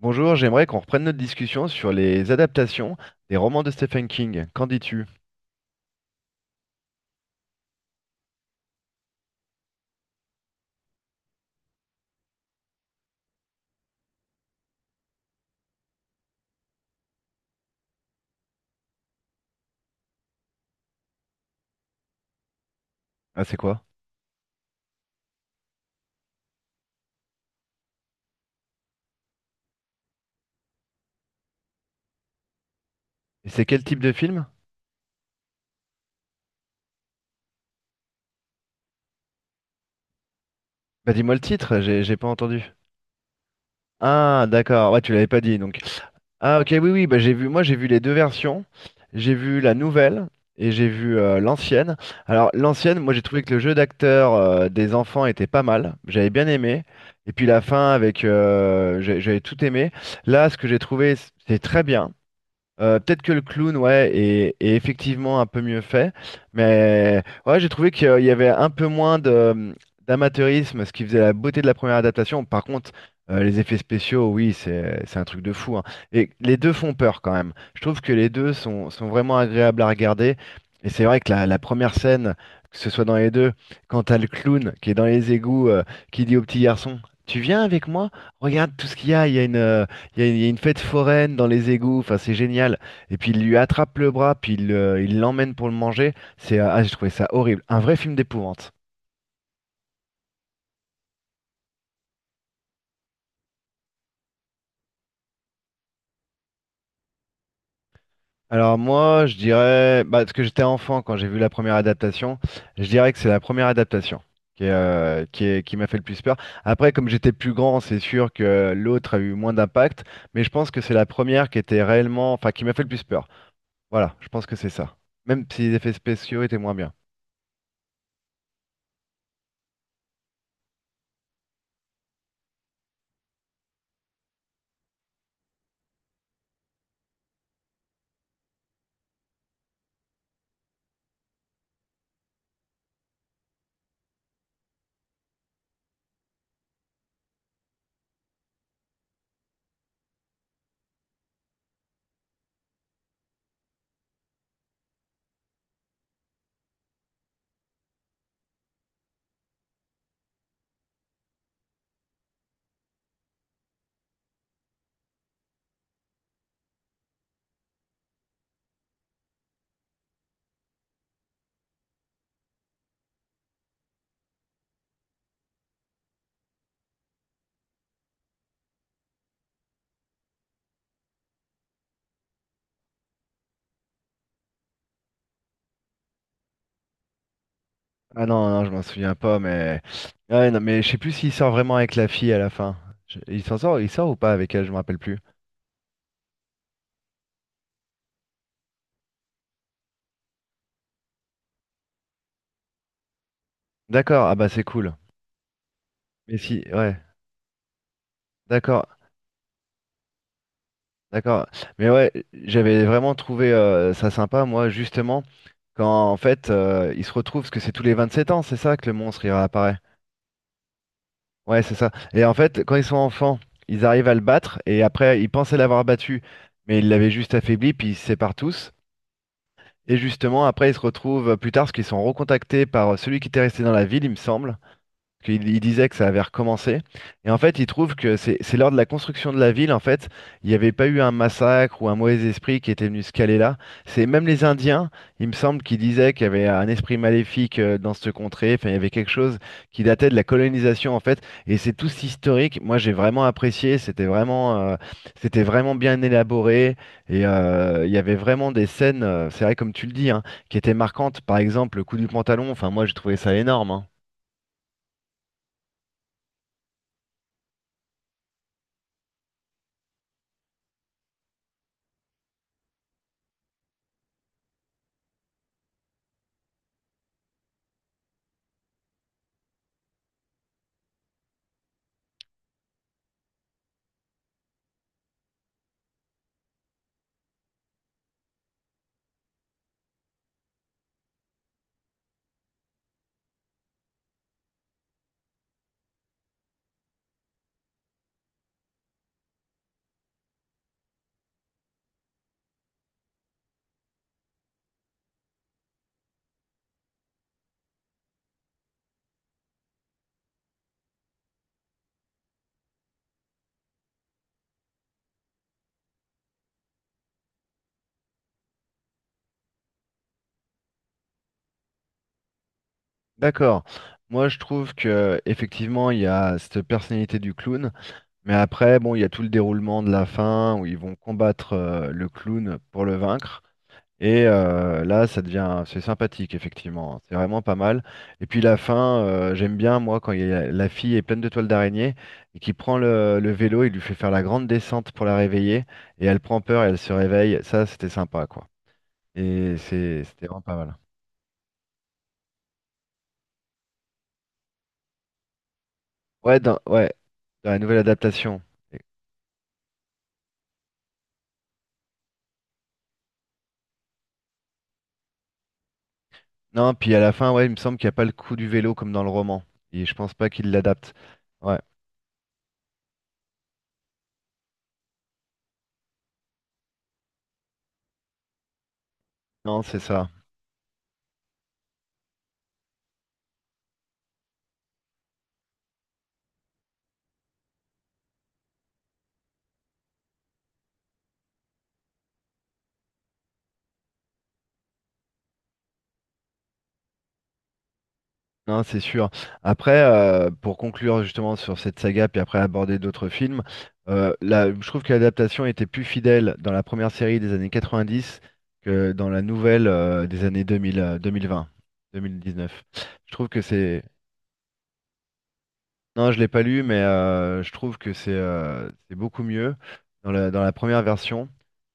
Bonjour, j'aimerais qu'on reprenne notre discussion sur les adaptations des romans de Stephen King. Qu'en dis-tu? Ah, c'est quoi? Et c'est quel type de film? Bah, dis-moi le titre, j'ai pas entendu. Ah, d'accord, ouais, tu l'avais pas dit donc. Ah, ok, oui, oui, bah, j'ai vu, moi j'ai vu les deux versions. J'ai vu la nouvelle et j'ai vu l'ancienne. Alors, l'ancienne, moi j'ai trouvé que le jeu d'acteur des enfants était pas mal. J'avais bien aimé. Et puis la fin avec. J'avais tout aimé. Là, ce que j'ai trouvé, c'est très bien. Peut-être que le clown, ouais, est effectivement un peu mieux fait, mais ouais, j'ai trouvé qu'il y avait un peu moins de d'amateurisme, ce qui faisait la beauté de la première adaptation. Par contre, les effets spéciaux, oui, c'est un truc de fou, hein. Et les deux font peur quand même. Je trouve que les deux sont vraiment agréables à regarder. Et c'est vrai que la première scène, que ce soit dans les deux, quand t'as le clown qui est dans les égouts, qui dit au petit garçon, tu viens avec moi? Regarde tout ce qu'il y a, il y a une fête foraine dans les égouts, enfin c'est génial. Et puis il lui attrape le bras, puis il l'emmène pour le manger. J'ai trouvé ça horrible, un vrai film d'épouvante. Alors moi, je dirais, bah, parce que j'étais enfant quand j'ai vu la première adaptation, je dirais que c'est la première adaptation qui m'a fait le plus peur. Après, comme j'étais plus grand, c'est sûr que l'autre a eu moins d'impact, mais je pense que c'est la première qui était réellement, enfin qui m'a fait le plus peur. Voilà, je pense que c'est ça. Même si les effets spéciaux étaient moins bien. Ah non, non, je m'en souviens pas, mais. Ouais, non, mais je sais plus s'il sort vraiment avec la fille à la fin. Il s'en sort, il sort ou pas avec elle, je me rappelle plus. D'accord, ah bah c'est cool. Mais si, ouais, d'accord, d'accord. Mais ouais, j'avais vraiment trouvé ça sympa, moi, justement, quand en fait ils se retrouvent, parce que c'est tous les 27 ans, c'est ça que le monstre il réapparaît. Ouais, c'est ça. Et en fait, quand ils sont enfants, ils arrivent à le battre, et après, ils pensaient l'avoir battu, mais ils l'avaient juste affaibli, puis ils se séparent tous. Et justement, après, ils se retrouvent plus tard, parce qu'ils sont recontactés par celui qui était resté dans la ville, il me semble qu'il il disait que ça avait recommencé. Et en fait, il trouve que c'est lors de la construction de la ville, en fait, il n'y avait pas eu un massacre ou un mauvais esprit qui était venu se caler là. C'est même les Indiens, il me semble, qui disaient qu'il y avait un esprit maléfique dans cette contrée. Enfin, il y avait quelque chose qui datait de la colonisation, en fait. Et c'est tout historique. Moi, j'ai vraiment apprécié. C'était vraiment bien élaboré. Il y avait vraiment des scènes, c'est vrai, comme tu le dis, hein, qui étaient marquantes. Par exemple, le coup du pantalon. Enfin, moi, j'ai trouvé ça énorme, hein. D'accord. Moi, je trouve que effectivement, il y a cette personnalité du clown, mais après, bon, il y a tout le déroulement de la fin où ils vont combattre le clown pour le vaincre. Là, ça devient, c'est sympathique, effectivement, hein. C'est vraiment pas mal. Et puis la fin, j'aime bien, moi, quand la fille est pleine de toiles d'araignée et qui prend le vélo, il lui fait faire la grande descente pour la réveiller. Et elle prend peur et elle se réveille. Ça, c'était sympa, quoi. Et c'était vraiment pas mal. Ouais, dans la nouvelle adaptation. Non, puis à la fin, ouais, il me semble qu'il n'y a pas le coup du vélo comme dans le roman. Et je pense pas qu'il l'adapte. Ouais, non, c'est ça. Non, c'est sûr. Après, pour conclure justement sur cette saga, puis après aborder d'autres films, là, je trouve que l'adaptation était plus fidèle dans la première série des années 90 que dans la nouvelle des années 2000, 2020, 2019. Je trouve que c'est Non, je l'ai pas lu, mais je trouve que c'est beaucoup mieux dans dans la première version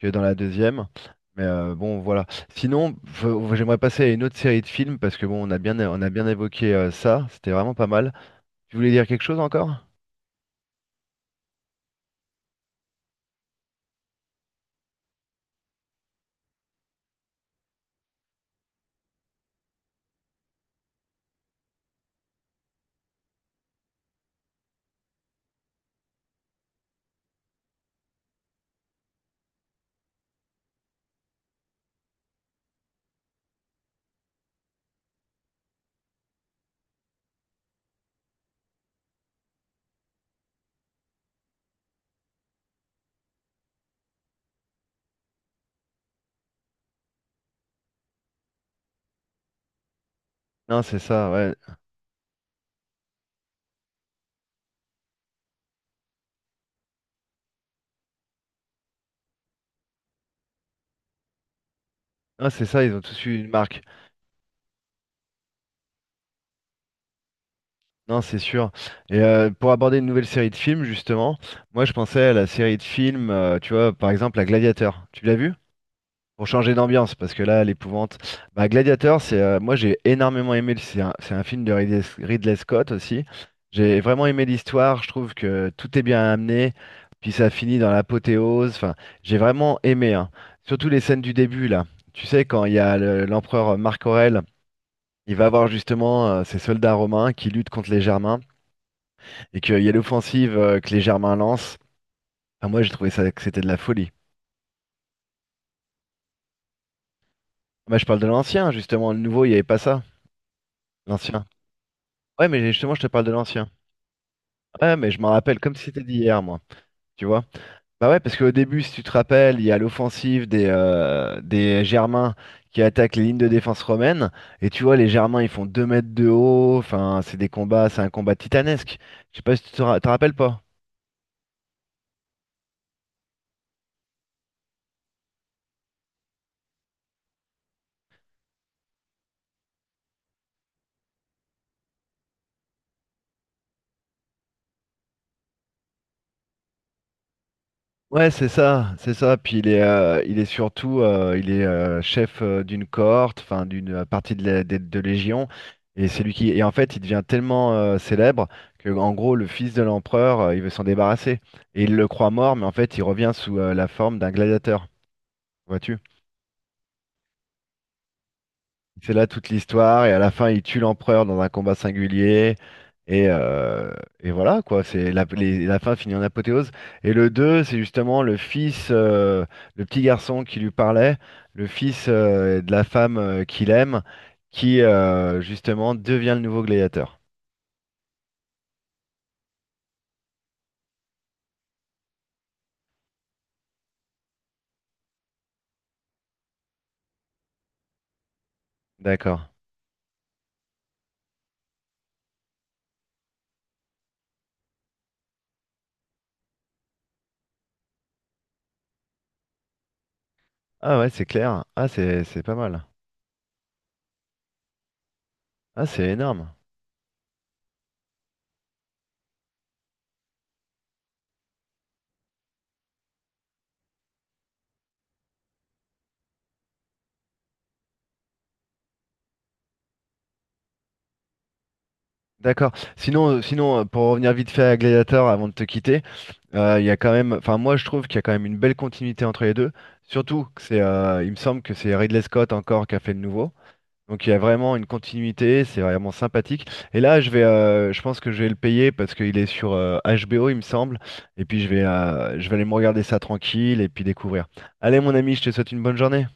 que dans la deuxième. Bon, voilà. Sinon, j'aimerais passer à une autre série de films parce que bon, on a bien évoqué ça. C'était vraiment pas mal. Tu voulais dire quelque chose encore? Non, c'est ça, ouais. Non, c'est ça, ils ont tous eu une marque. Non, c'est sûr. Pour aborder une nouvelle série de films, justement, moi je pensais à la série de films, tu vois, par exemple, à Gladiateur. Tu l'as vu? Pour changer d'ambiance, parce que là, l'épouvante. Bah, Gladiator, c'est moi j'ai énormément aimé. C'est un film de Ridley Scott aussi. J'ai vraiment aimé l'histoire. Je trouve que tout est bien amené. Puis ça finit dans l'apothéose. Enfin, j'ai vraiment aimé, hein. Surtout les scènes du début là. Tu sais, quand il y a l'empereur Marc Aurèle, il va voir justement ses soldats romains qui luttent contre les Germains et qu'il y a l'offensive que les Germains lancent. Enfin, moi, j'ai trouvé ça que c'était de la folie. Moi, je parle de l'ancien justement. Le nouveau, il n'y avait pas ça. L'ancien. Ouais, mais justement, je te parle de l'ancien. Ouais, mais je m'en rappelle comme si c'était d'hier, moi. Tu vois? Bah ouais, parce qu'au début, si tu te rappelles, il y a l'offensive des Germains qui attaquent les lignes de défense romaines. Et tu vois, les Germains, ils font 2 mètres de haut. Enfin, c'est un combat titanesque. Je sais pas si tu te te rappelles pas. Ouais, c'est ça, c'est ça. Puis il est surtout, il est chef d'une cohorte, enfin d'une partie de Légion, et c'est lui qui. Et en fait, il devient tellement célèbre que, en gros, le fils de l'empereur, il veut s'en débarrasser, et il le croit mort, mais en fait, il revient sous la forme d'un gladiateur. Vois-tu? C'est là toute l'histoire, et à la fin, il tue l'empereur dans un combat singulier, et, euh, et voilà, quoi, c'est la fin finit en apothéose. Et le 2 c'est justement le fils, le petit garçon qui lui parlait, le fils de la femme qu'il aime, qui justement devient le nouveau gladiateur. D'accord. Ah ouais, c'est clair. Ah, c'est pas mal. Ah, c'est énorme. D'accord. Sinon, pour revenir vite fait à Gladiator avant de te quitter, il y a quand même, enfin moi je trouve qu'il y a quand même une belle continuité entre les deux. Surtout que il me semble que c'est Ridley Scott encore qui a fait le nouveau. Donc il y a vraiment une continuité, c'est vraiment sympathique. Et là, je pense que je vais le payer parce qu'il est sur HBO, il me semble. Et puis je vais aller me regarder ça tranquille et puis découvrir. Allez mon ami, je te souhaite une bonne journée.